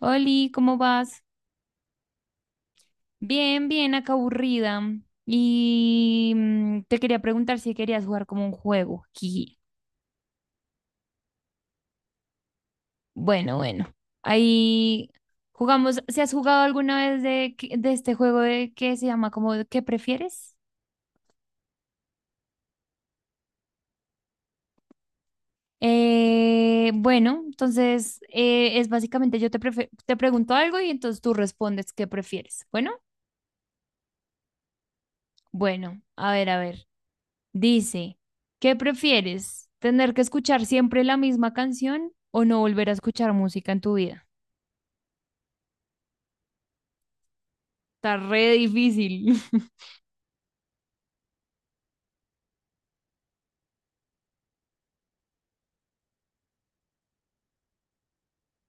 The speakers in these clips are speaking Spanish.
Oli, ¿cómo vas? Bien, bien, acá aburrida. Y te quería preguntar si querías jugar como un juego. Jiji. Bueno, bueno. Ahí jugamos. ¿Se has jugado alguna vez de, de este juego de que se llama como de ¿Qué prefieres? Bueno, entonces es básicamente yo te pregunto algo y entonces tú respondes qué prefieres. Bueno, bueno, a ver, a ver. Dice, ¿qué prefieres? ¿Tener que escuchar siempre la misma canción o no volver a escuchar música en tu vida? Está re difícil.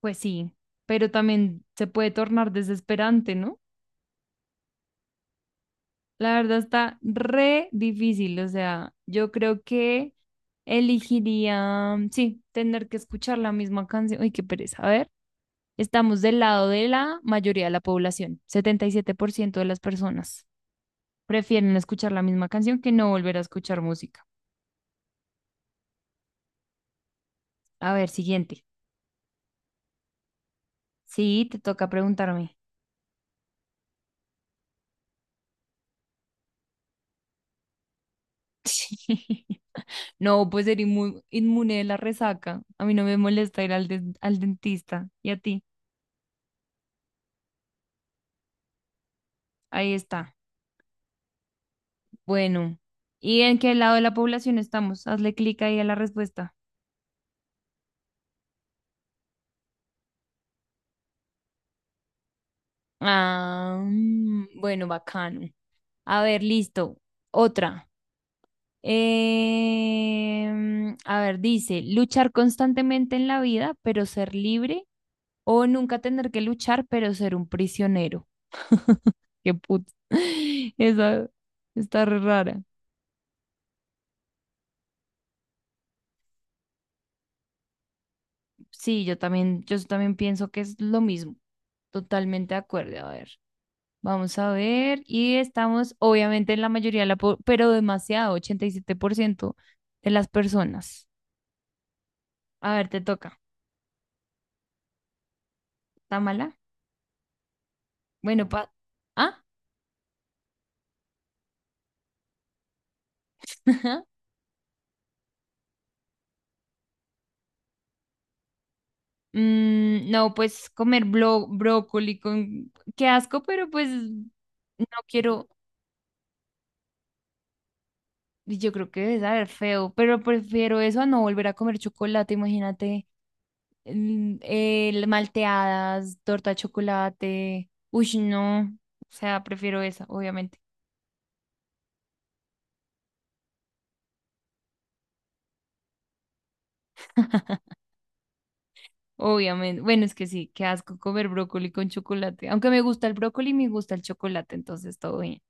Pues sí, pero también se puede tornar desesperante, ¿no? La verdad está re difícil, o sea, yo creo que elegiría, sí, tener que escuchar la misma canción. Uy, qué pereza. A ver, estamos del lado de la mayoría de la población, 77% de las personas prefieren escuchar la misma canción que no volver a escuchar música. A ver, siguiente. Sí, te toca preguntarme. Sí. No, pues ser inmune de la resaca. A mí no me molesta ir al dentista. ¿Y a ti? Ahí está. Bueno. ¿Y en qué lado de la población estamos? Hazle clic ahí a la respuesta. Ah, bueno, bacano. A ver, listo. Otra. A ver, dice, luchar constantemente en la vida, pero ser libre, o nunca tener que luchar, pero ser un prisionero. Qué puto. Esa está re rara. Sí, yo también pienso que es lo mismo. Totalmente de acuerdo. A ver, vamos a ver. Y estamos, obviamente, en la mayoría de la, pero demasiado, 87% de las personas. A ver, te toca. ¿Está mala? Bueno, pa. ¿Ah? No, pues comer brócoli con. Qué asco, pero pues no quiero. Y yo creo que debe saber feo, pero prefiero eso a no volver a comer chocolate, imagínate. El malteadas, torta de chocolate. Uy, no. O sea, prefiero esa, obviamente. Obviamente. Bueno, es que sí, qué asco comer brócoli con chocolate. Aunque me gusta el brócoli, me gusta el chocolate, entonces todo bien.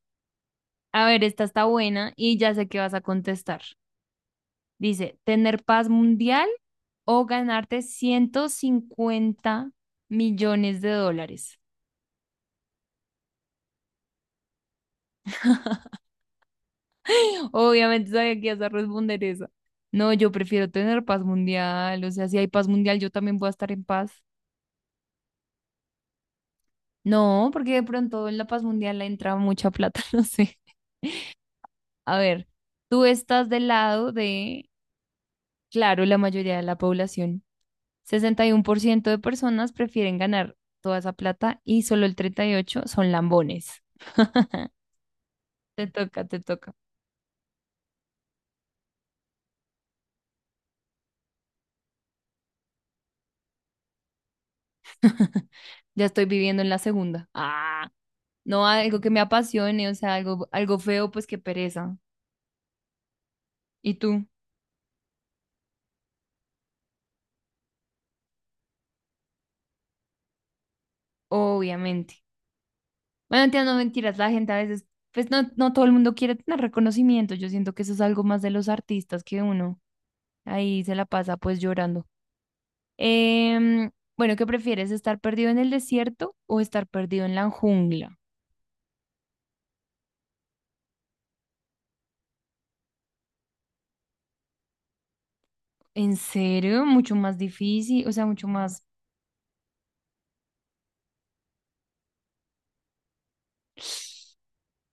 A ver, esta está buena y ya sé qué vas a contestar. Dice, ¿tener paz mundial o ganarte 150 millones de dólares? Obviamente sabía que ibas a responder esa. No, yo prefiero tener paz mundial. O sea, si hay paz mundial, yo también voy a estar en paz. No, porque de pronto en la paz mundial le entra mucha plata, no sé. A ver, tú estás del lado de, claro, la mayoría de la población. 61% de personas prefieren ganar toda esa plata y solo el 38% son lambones. Te toca, te toca. Ya estoy viviendo en la segunda. Ah. No algo que me apasione, o sea, algo feo, pues qué pereza. ¿Y tú? Obviamente. Bueno, entiendo, no mentiras, la gente a veces, pues no, no todo el mundo quiere tener reconocimiento. Yo siento que eso es algo más de los artistas que uno ahí se la pasa pues llorando. Em, bueno, ¿qué prefieres? ¿Estar perdido en el desierto o estar perdido en la jungla? ¿En serio? Mucho más difícil, o sea, mucho más.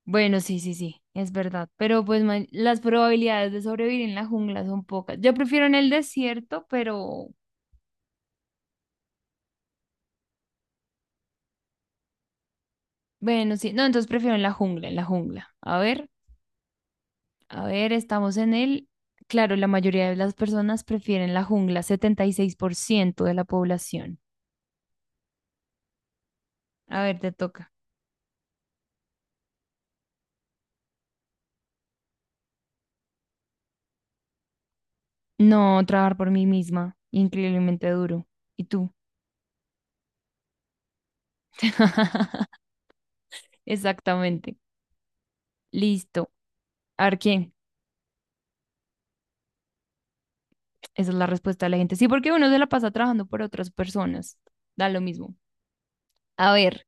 Bueno, sí, sí, sí, es verdad. Pero pues las probabilidades de sobrevivir en la jungla son pocas. Yo prefiero en el desierto, pero bueno, sí. No, entonces prefiero en la jungla, en la jungla. A ver, estamos en el... Claro, la mayoría de las personas prefieren la jungla, 76% de la población. A ver, te toca. No, trabajar por mí misma, increíblemente duro. ¿Y tú? Exactamente. Listo. A ver, ¿quién? Esa es la respuesta de la gente. Sí, porque uno se la pasa trabajando por otras personas. Da lo mismo. A ver,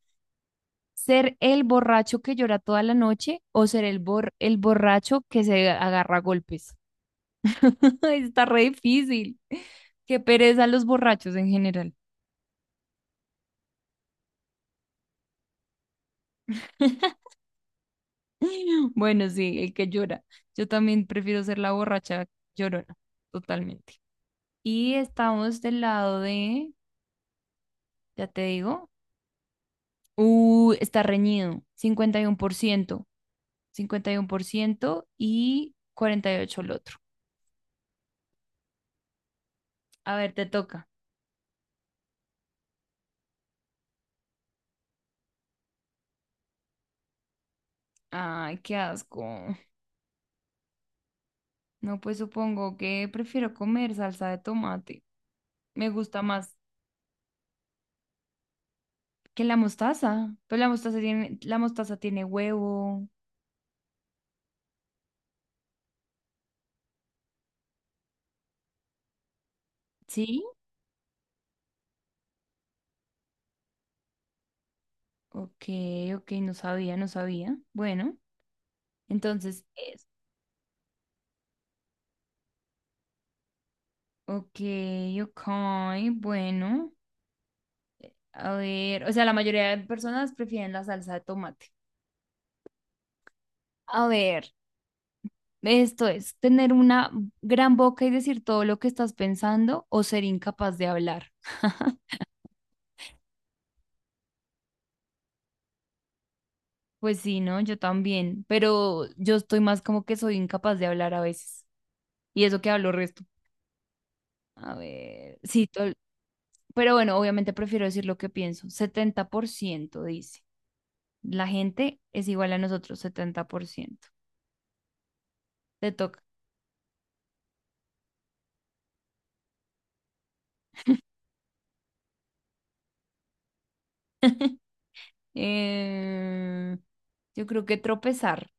ser el borracho que llora toda la noche o ser el borracho que se agarra a golpes. Está re difícil. Qué pereza los borrachos en general. Bueno, sí, el que llora. Yo también prefiero ser la borracha llorona, totalmente. Y estamos del lado de, ya te digo, está reñido, 51% cincuenta y 48% el otro. A ver, te toca. Ay, qué asco. No, pues supongo que prefiero comer salsa de tomate. Me gusta más que la mostaza. Pues la mostaza tiene huevo. ¿Sí? Ok, ok, no sabía, no sabía. Bueno, entonces es. Ok, ok, bueno. A ver, o sea, la mayoría de personas prefieren la salsa de tomate. A ver, esto es tener una gran boca y decir todo lo que estás pensando o ser incapaz de hablar. Pues sí, ¿no? Yo también, pero yo estoy más como que soy incapaz de hablar a veces. Y eso que hablo resto. A ver, sí, pero bueno, obviamente prefiero decir lo que pienso. 70% dice. La gente es igual a nosotros, 70%. Te toca. Eh, yo creo que tropezar,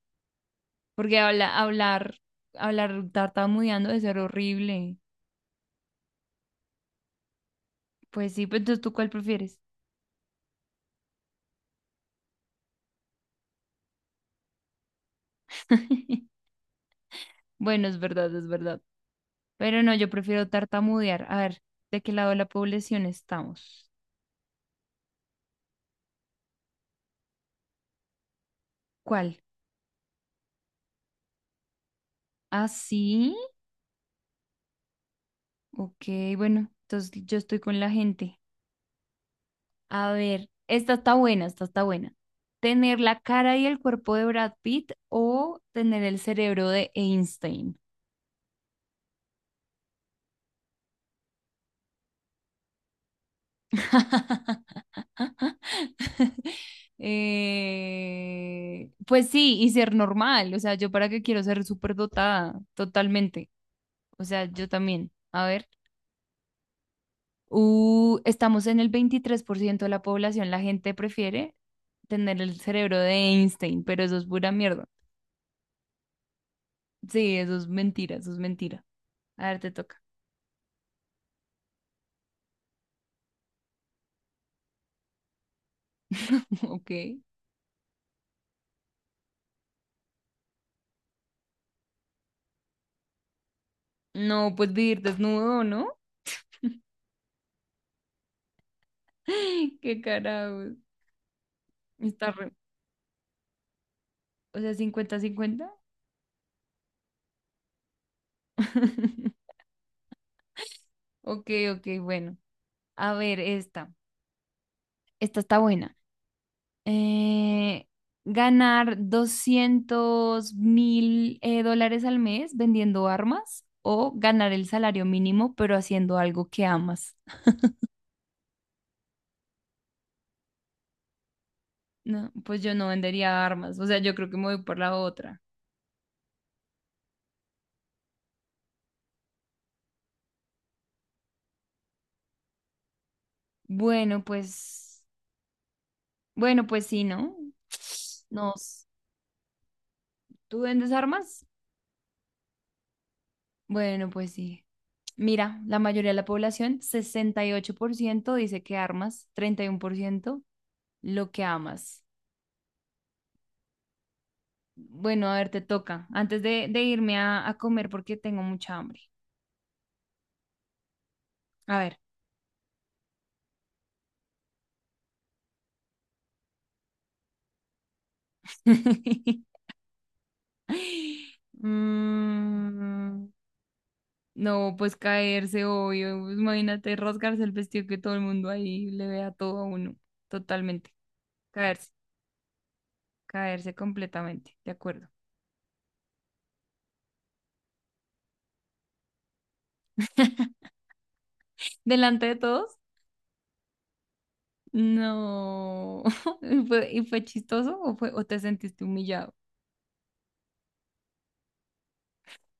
porque hablar tartamudeando debe ser horrible. Pues sí, pues entonces tú cuál prefieres. Bueno, es verdad, es verdad. Pero no, yo prefiero tartamudear. A ver, ¿de qué lado de la población estamos? ¿Cuál? ¿Ah, sí? Ok, bueno, entonces yo estoy con la gente. A ver, esta está buena, esta está buena. ¿Tener la cara y el cuerpo de Brad Pitt o tener el cerebro de Einstein? Pues sí, y ser normal. O sea, yo para qué quiero ser súper dotada, totalmente. O sea, yo también. A ver, estamos en el 23% de la población. La gente prefiere tener el cerebro de Einstein, pero eso es pura mierda. Sí, eso es mentira, eso es mentira. A ver, te toca. Ok. No, pues vivir desnudo, ¿no? Qué carajo. Está. O sea, cincuenta-cincuenta. Ok, ok, bueno. A ver, esta. Esta está buena. Eh, ¿Ganar 200.000 dólares al mes vendiendo armas o ganar el salario mínimo pero haciendo algo que amas? No, pues yo no vendería armas. O sea, yo creo que me voy por la otra. Bueno, pues, bueno, pues sí, ¿no? ¿Nos ¿Tú vendes armas? Bueno, pues sí. Mira, la mayoría de la población, 68% dice que armas, 31% lo que amas. Bueno, a ver, te toca. Antes de irme a comer porque tengo mucha hambre. A ver. Mm, no, pues caerse, obvio. Pues imagínate rasgarse el vestido que todo el mundo ahí le vea todo a uno. Totalmente. Caerse, caerse completamente. De acuerdo. Delante de todos. No. Y fue chistoso o fue, o te sentiste humillado?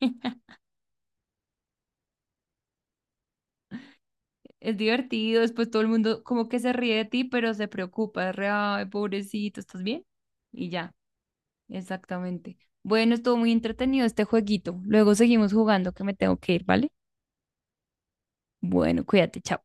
Es divertido, después todo el mundo como que se ríe de ti, pero se preocupa, es re, ay, pobrecito, ¿estás bien? Y ya, exactamente. Bueno, estuvo muy entretenido este jueguito. Luego seguimos jugando que me tengo que ir, ¿vale? Bueno, cuídate, chao.